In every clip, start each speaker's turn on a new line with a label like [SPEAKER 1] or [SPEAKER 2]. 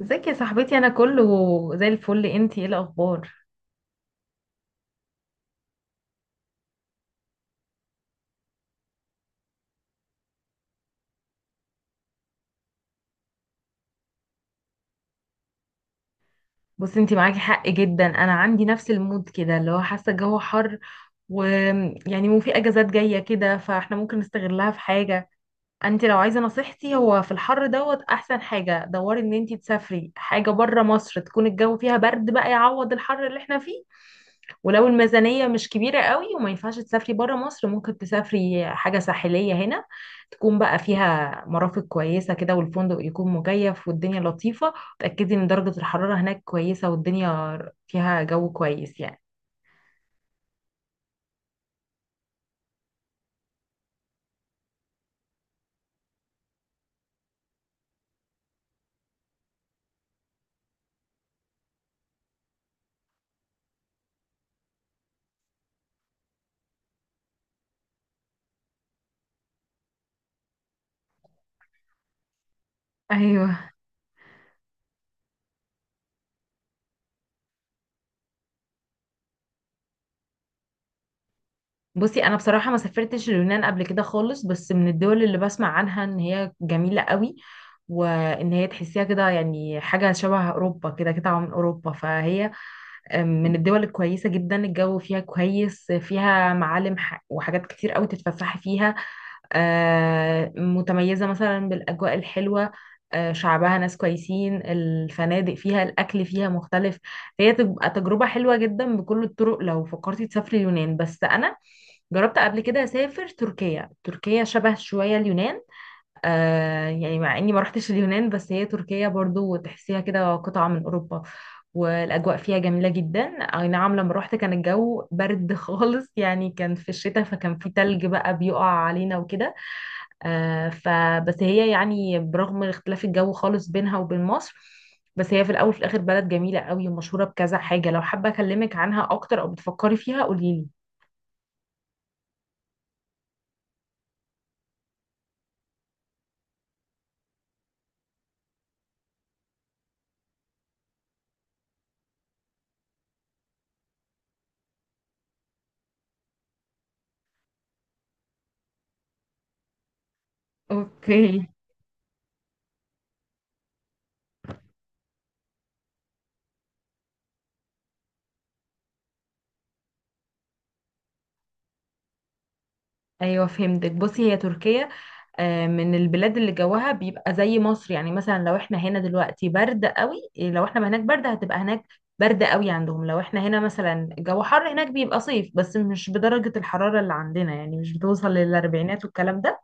[SPEAKER 1] ازيك يا صاحبتي؟ انا كله زي الفل. انتي ايه الاخبار؟ بصي، انتي معاكي حق جدا. انا عندي نفس المود كده، اللي هو حاسه الجو حر، ويعني مو في اجازات جايه كده، فاحنا ممكن نستغلها في حاجه. انتي لو عايزه نصيحتي، هو في الحر دوت، احسن حاجه دوري ان انتي تسافري حاجه بره مصر، تكون الجو فيها برد بقى يعوض الحر اللي احنا فيه. ولو الميزانية مش كبيرة قوي وما ينفعش تسافري برا مصر، ممكن تسافري حاجة ساحلية هنا، تكون بقى فيها مرافق كويسة كده، والفندق يكون مكيف والدنيا لطيفة. تأكدي ان درجة الحرارة هناك كويسة والدنيا فيها جو كويس يعني. ايوه. بصي، انا بصراحة ما سافرتش اليونان قبل كده خالص، بس من الدول اللي بسمع عنها ان هي جميلة قوي، وان هي تحسيها كده يعني حاجة شبه اوروبا، كده كده من اوروبا. فهي من الدول الكويسة جدا، الجو فيها كويس، فيها معالم وحاجات كتير قوي تتفسحي فيها. متميزة مثلا بالأجواء الحلوة. شعبها ناس كويسين، الفنادق فيها، الأكل فيها مختلف. هي تبقى تجربة حلوة جدا بكل الطرق لو فكرتي تسافري اليونان. بس أنا جربت قبل كده أسافر تركيا. تركيا شبه شوية اليونان. يعني مع اني ما رحتش اليونان، بس هي تركيا برضو تحسيها كده قطعة من اوروبا، والاجواء فيها جميلة جدا. اي نعم لما رحت كان الجو برد خالص، يعني كان في الشتاء، فكان في تلج بقى بيقع علينا وكده. فبس هي يعني برغم اختلاف الجو خالص بينها وبين مصر، بس هي في الاول وفي الاخر بلد جميلة قوي ومشهورة بكذا حاجة. لو حابة اكلمك عنها اكتر او بتفكري فيها قوليلي. اوكي. ايوه، فهمتك. بصي، هي تركيا من البلاد اللي جوها بيبقى زي مصر. يعني مثلا لو احنا هنا دلوقتي برد قوي، لو احنا هناك برد، هتبقى هناك برد قوي عندهم. لو احنا هنا مثلا جو حر، هناك بيبقى صيف، بس مش بدرجة الحرارة اللي عندنا، يعني مش بتوصل للاربعينات والكلام ده.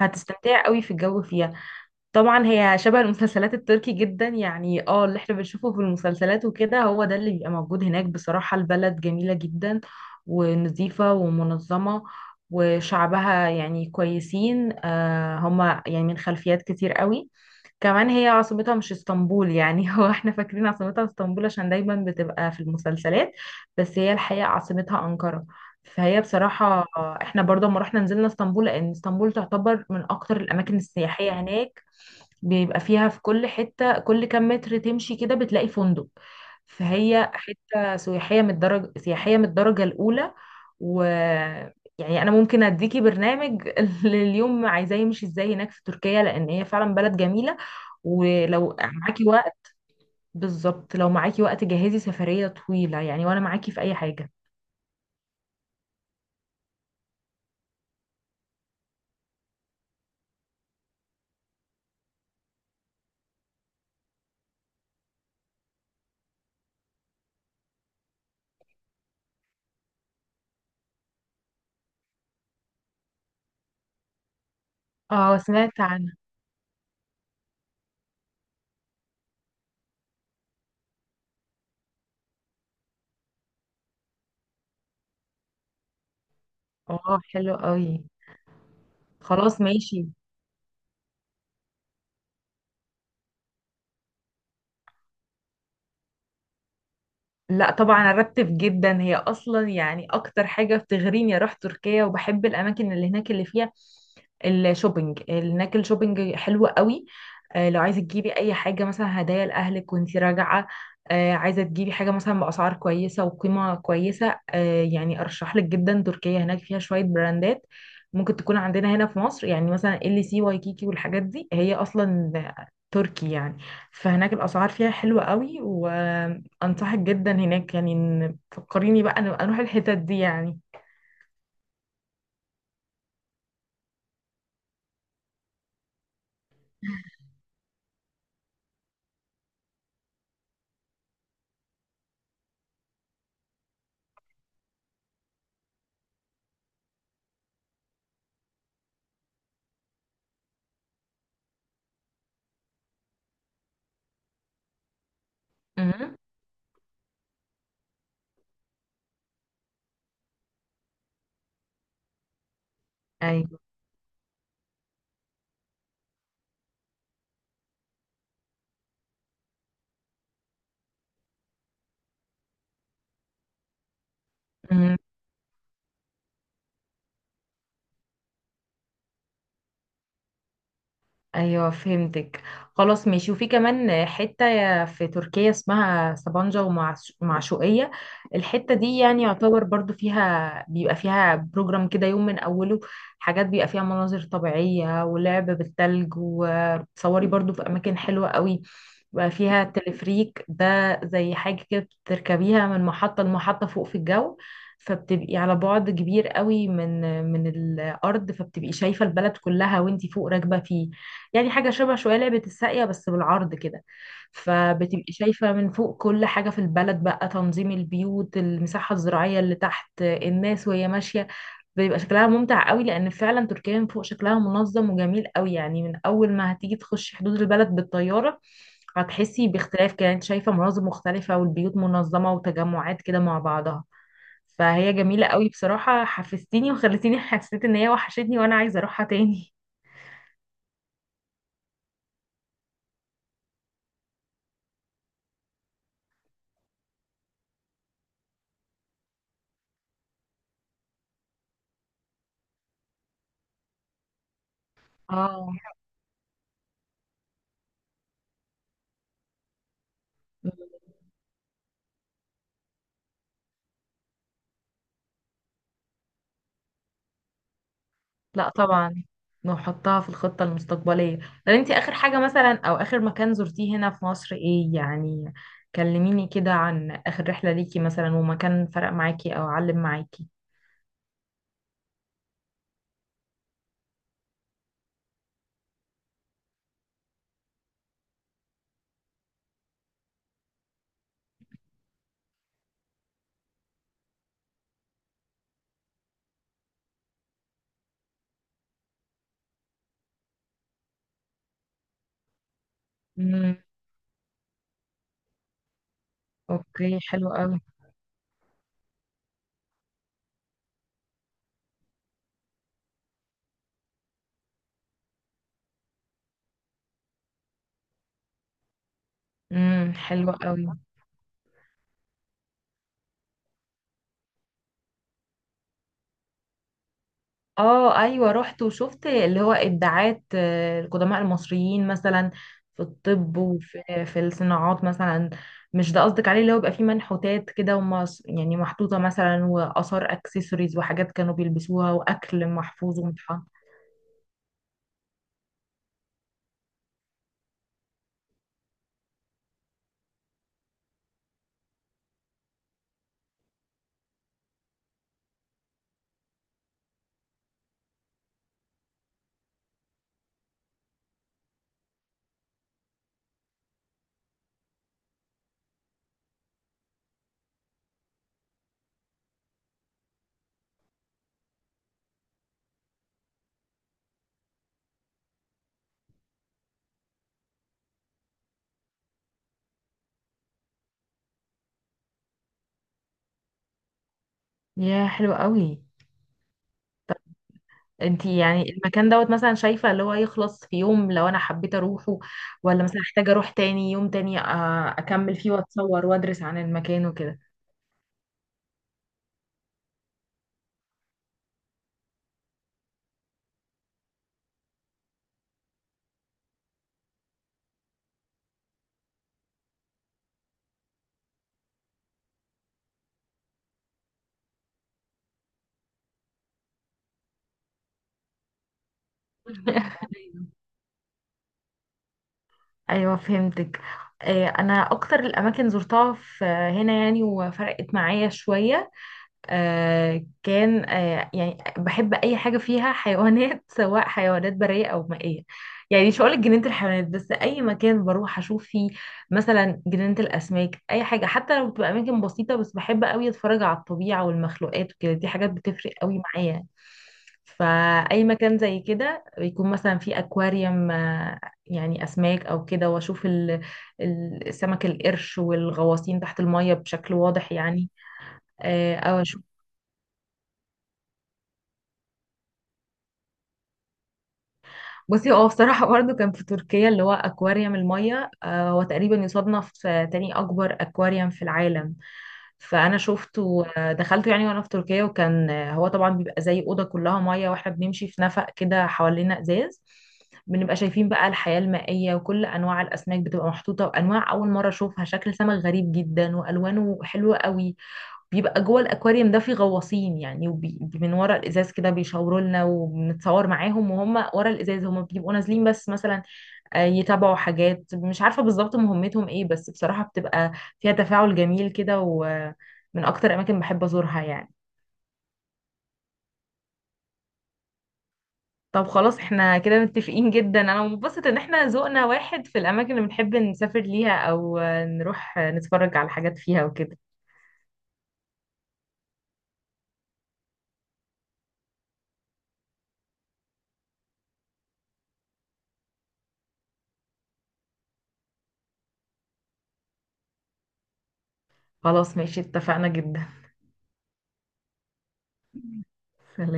[SPEAKER 1] هتستمتعي قوي في الجو فيها. طبعا هي شبه المسلسلات التركي جدا، يعني اللي احنا بنشوفه في المسلسلات وكده هو ده اللي بيبقى موجود هناك. بصراحة البلد جميلة جدا، ونظيفة ومنظمة، وشعبها يعني كويسين. هما يعني من خلفيات كتير قوي. كمان هي عاصمتها مش اسطنبول يعني. هو احنا فاكرين عاصمتها اسطنبول عشان دايما بتبقى في المسلسلات، بس هي الحقيقة عاصمتها أنقرة. فهي بصراحة، احنا برضه لما رحنا نزلنا اسطنبول، لأن اسطنبول تعتبر من أكتر الأماكن السياحية هناك. بيبقى فيها في كل حتة، كل كام متر تمشي كده بتلاقي فندق. فهي حتة سياحية من الدرجة الأولى. و، يعني أنا ممكن أديكي برنامج لليوم، عايزاه يمشي إزاي هناك في تركيا، لأن هي فعلا بلد جميلة. ولو معاكي وقت، بالظبط لو معاكي وقت، جهزي سفرية طويلة يعني، وأنا معاكي في أي حاجة. اه، سمعت عنها. اه، حلو قوي. خلاص، ماشي. لا طبعا، ارتب جدا. هي اصلا يعني اكتر حاجه بتغريني اروح تركيا، وبحب الاماكن اللي هناك اللي فيها الشوبينج. هناك الشوبينج حلو قوي. لو عايزه تجيبي اي حاجه مثلا هدايا لاهلك وانتي راجعه، عايزه تجيبي حاجه مثلا باسعار كويسه وقيمه كويسه، يعني ارشح لك جدا تركيا. هناك فيها شويه براندات ممكن تكون عندنا هنا في مصر، يعني مثلا ال سي وايكيكي والحاجات دي هي اصلا تركي يعني. فهناك الاسعار فيها حلوه قوي، و انصحك جدا هناك، يعني إن فكريني بقى أنا اروح الحتت دي يعني. امم. ايوه. مم. ايوه، فهمتك. خلاص ماشي. وفي كمان حته في تركيا اسمها سبانجا ومعشوقيه. الحته دي يعني يعتبر برضو فيها، بيبقى فيها بروجرام كده يوم من اوله، حاجات بيبقى فيها مناظر طبيعيه ولعب بالثلج. وتصوري برضو في اماكن حلوه قوي بقى فيها تلفريك. ده زي حاجة كده بتركبيها من محطة لمحطة فوق في الجو، فبتبقي على بعد كبير قوي من الأرض، فبتبقي شايفة البلد كلها وانتي فوق راكبة فيه. يعني حاجة شبه شوية لعبة الساقية بس بالعرض كده. فبتبقي شايفة من فوق كل حاجة في البلد، بقى تنظيم البيوت، المساحة الزراعية اللي تحت، الناس وهي ماشية. بيبقى شكلها ممتع قوي، لان فعلا تركيا من فوق شكلها منظم وجميل قوي. يعني من اول ما هتيجي تخشي حدود البلد بالطياره هتحسي باختلاف، كده انت شايفه مناظر مختلفه، والبيوت منظمه وتجمعات كده مع بعضها. فهي جميله قوي بصراحه. حفزتيني وخلتيني حسيت ان هي وحشتني وانا عايزه اروحها تاني. اه. لا طبعا، نحطها في الخطة المستقبلية. طب انتي اخر حاجة مثلا، او اخر مكان زرتيه هنا في مصر ايه يعني؟ كلميني كده عن اخر رحلة ليكي مثلا، ومكان فرق معاكي او علم معاكي. امم. اوكي، حلو قوي. امم، حلو قوي. اه، ايوه، رحت وشفت اللي هو ابداعات، القدماء المصريين مثلا في الطب، وفي الصناعات مثلا. مش ده قصدك عليه اللي هو بيبقى فيه منحوتات كده، يعني محطوطه مثلا، واثار اكسسوارز وحاجات كانوا بيلبسوها واكل محفوظ ومتحف. يا حلو قوي. انتي يعني المكان دوت مثلا شايفه اللي هو يخلص في يوم لو انا حبيت اروحه، ولا مثلا محتاجه اروح تاني يوم تاني، اكمل فيه واتصور وادرس عن المكان وكده؟ ايوه، فهمتك. انا اكتر الاماكن زرتها في هنا يعني وفرقت معايا شويه. كان، يعني بحب اي حاجه فيها حيوانات سواء حيوانات بريه او مائيه. يعني مش هقولك جنينه الحيوانات بس، اي مكان بروح اشوف فيه مثلا جنينه الاسماك، اي حاجه حتى لو بتبقى اماكن بسيطه، بس بحب قوي اتفرج على الطبيعه والمخلوقات وكده. دي حاجات بتفرق قوي معايا. فاي مكان زي كده بيكون مثلا فيه اكواريوم، يعني اسماك او كده، واشوف السمك القرش والغواصين تحت الميه بشكل واضح يعني. آه، او بصي هو بصراحة برضه كان في تركيا اللي هو أكواريوم المية، هو تقريبا يصنف في تاني أكبر أكواريوم في العالم. فأنا شفته، دخلته يعني وأنا في تركيا، وكان هو طبعا بيبقى زي أوضة كلها مية وإحنا بنمشي في نفق كده حوالينا إزاز. بنبقى شايفين بقى الحياة المائية، وكل أنواع الأسماك بتبقى محطوطة، وأنواع أول مرة أشوفها، شكل سمك غريب جدا وألوانه حلوة قوي. بيبقى جوه الاكواريوم ده في غواصين يعني، من ورا الازاز كده بيشاوروا لنا وبنتصور معاهم وهم ورا الازاز، هم بيبقوا نازلين بس مثلا يتابعوا حاجات مش عارفه بالظبط مهمتهم ايه، بس بصراحه بتبقى فيها تفاعل جميل كده، ومن اكتر اماكن بحب ازورها يعني. طب خلاص احنا كده متفقين جدا. انا مبسوطه ان احنا ذوقنا واحد في الاماكن اللي بنحب نسافر ليها، او نروح نتفرج على حاجات فيها وكده. خلاص ماشي، اتفقنا جدا. سلام.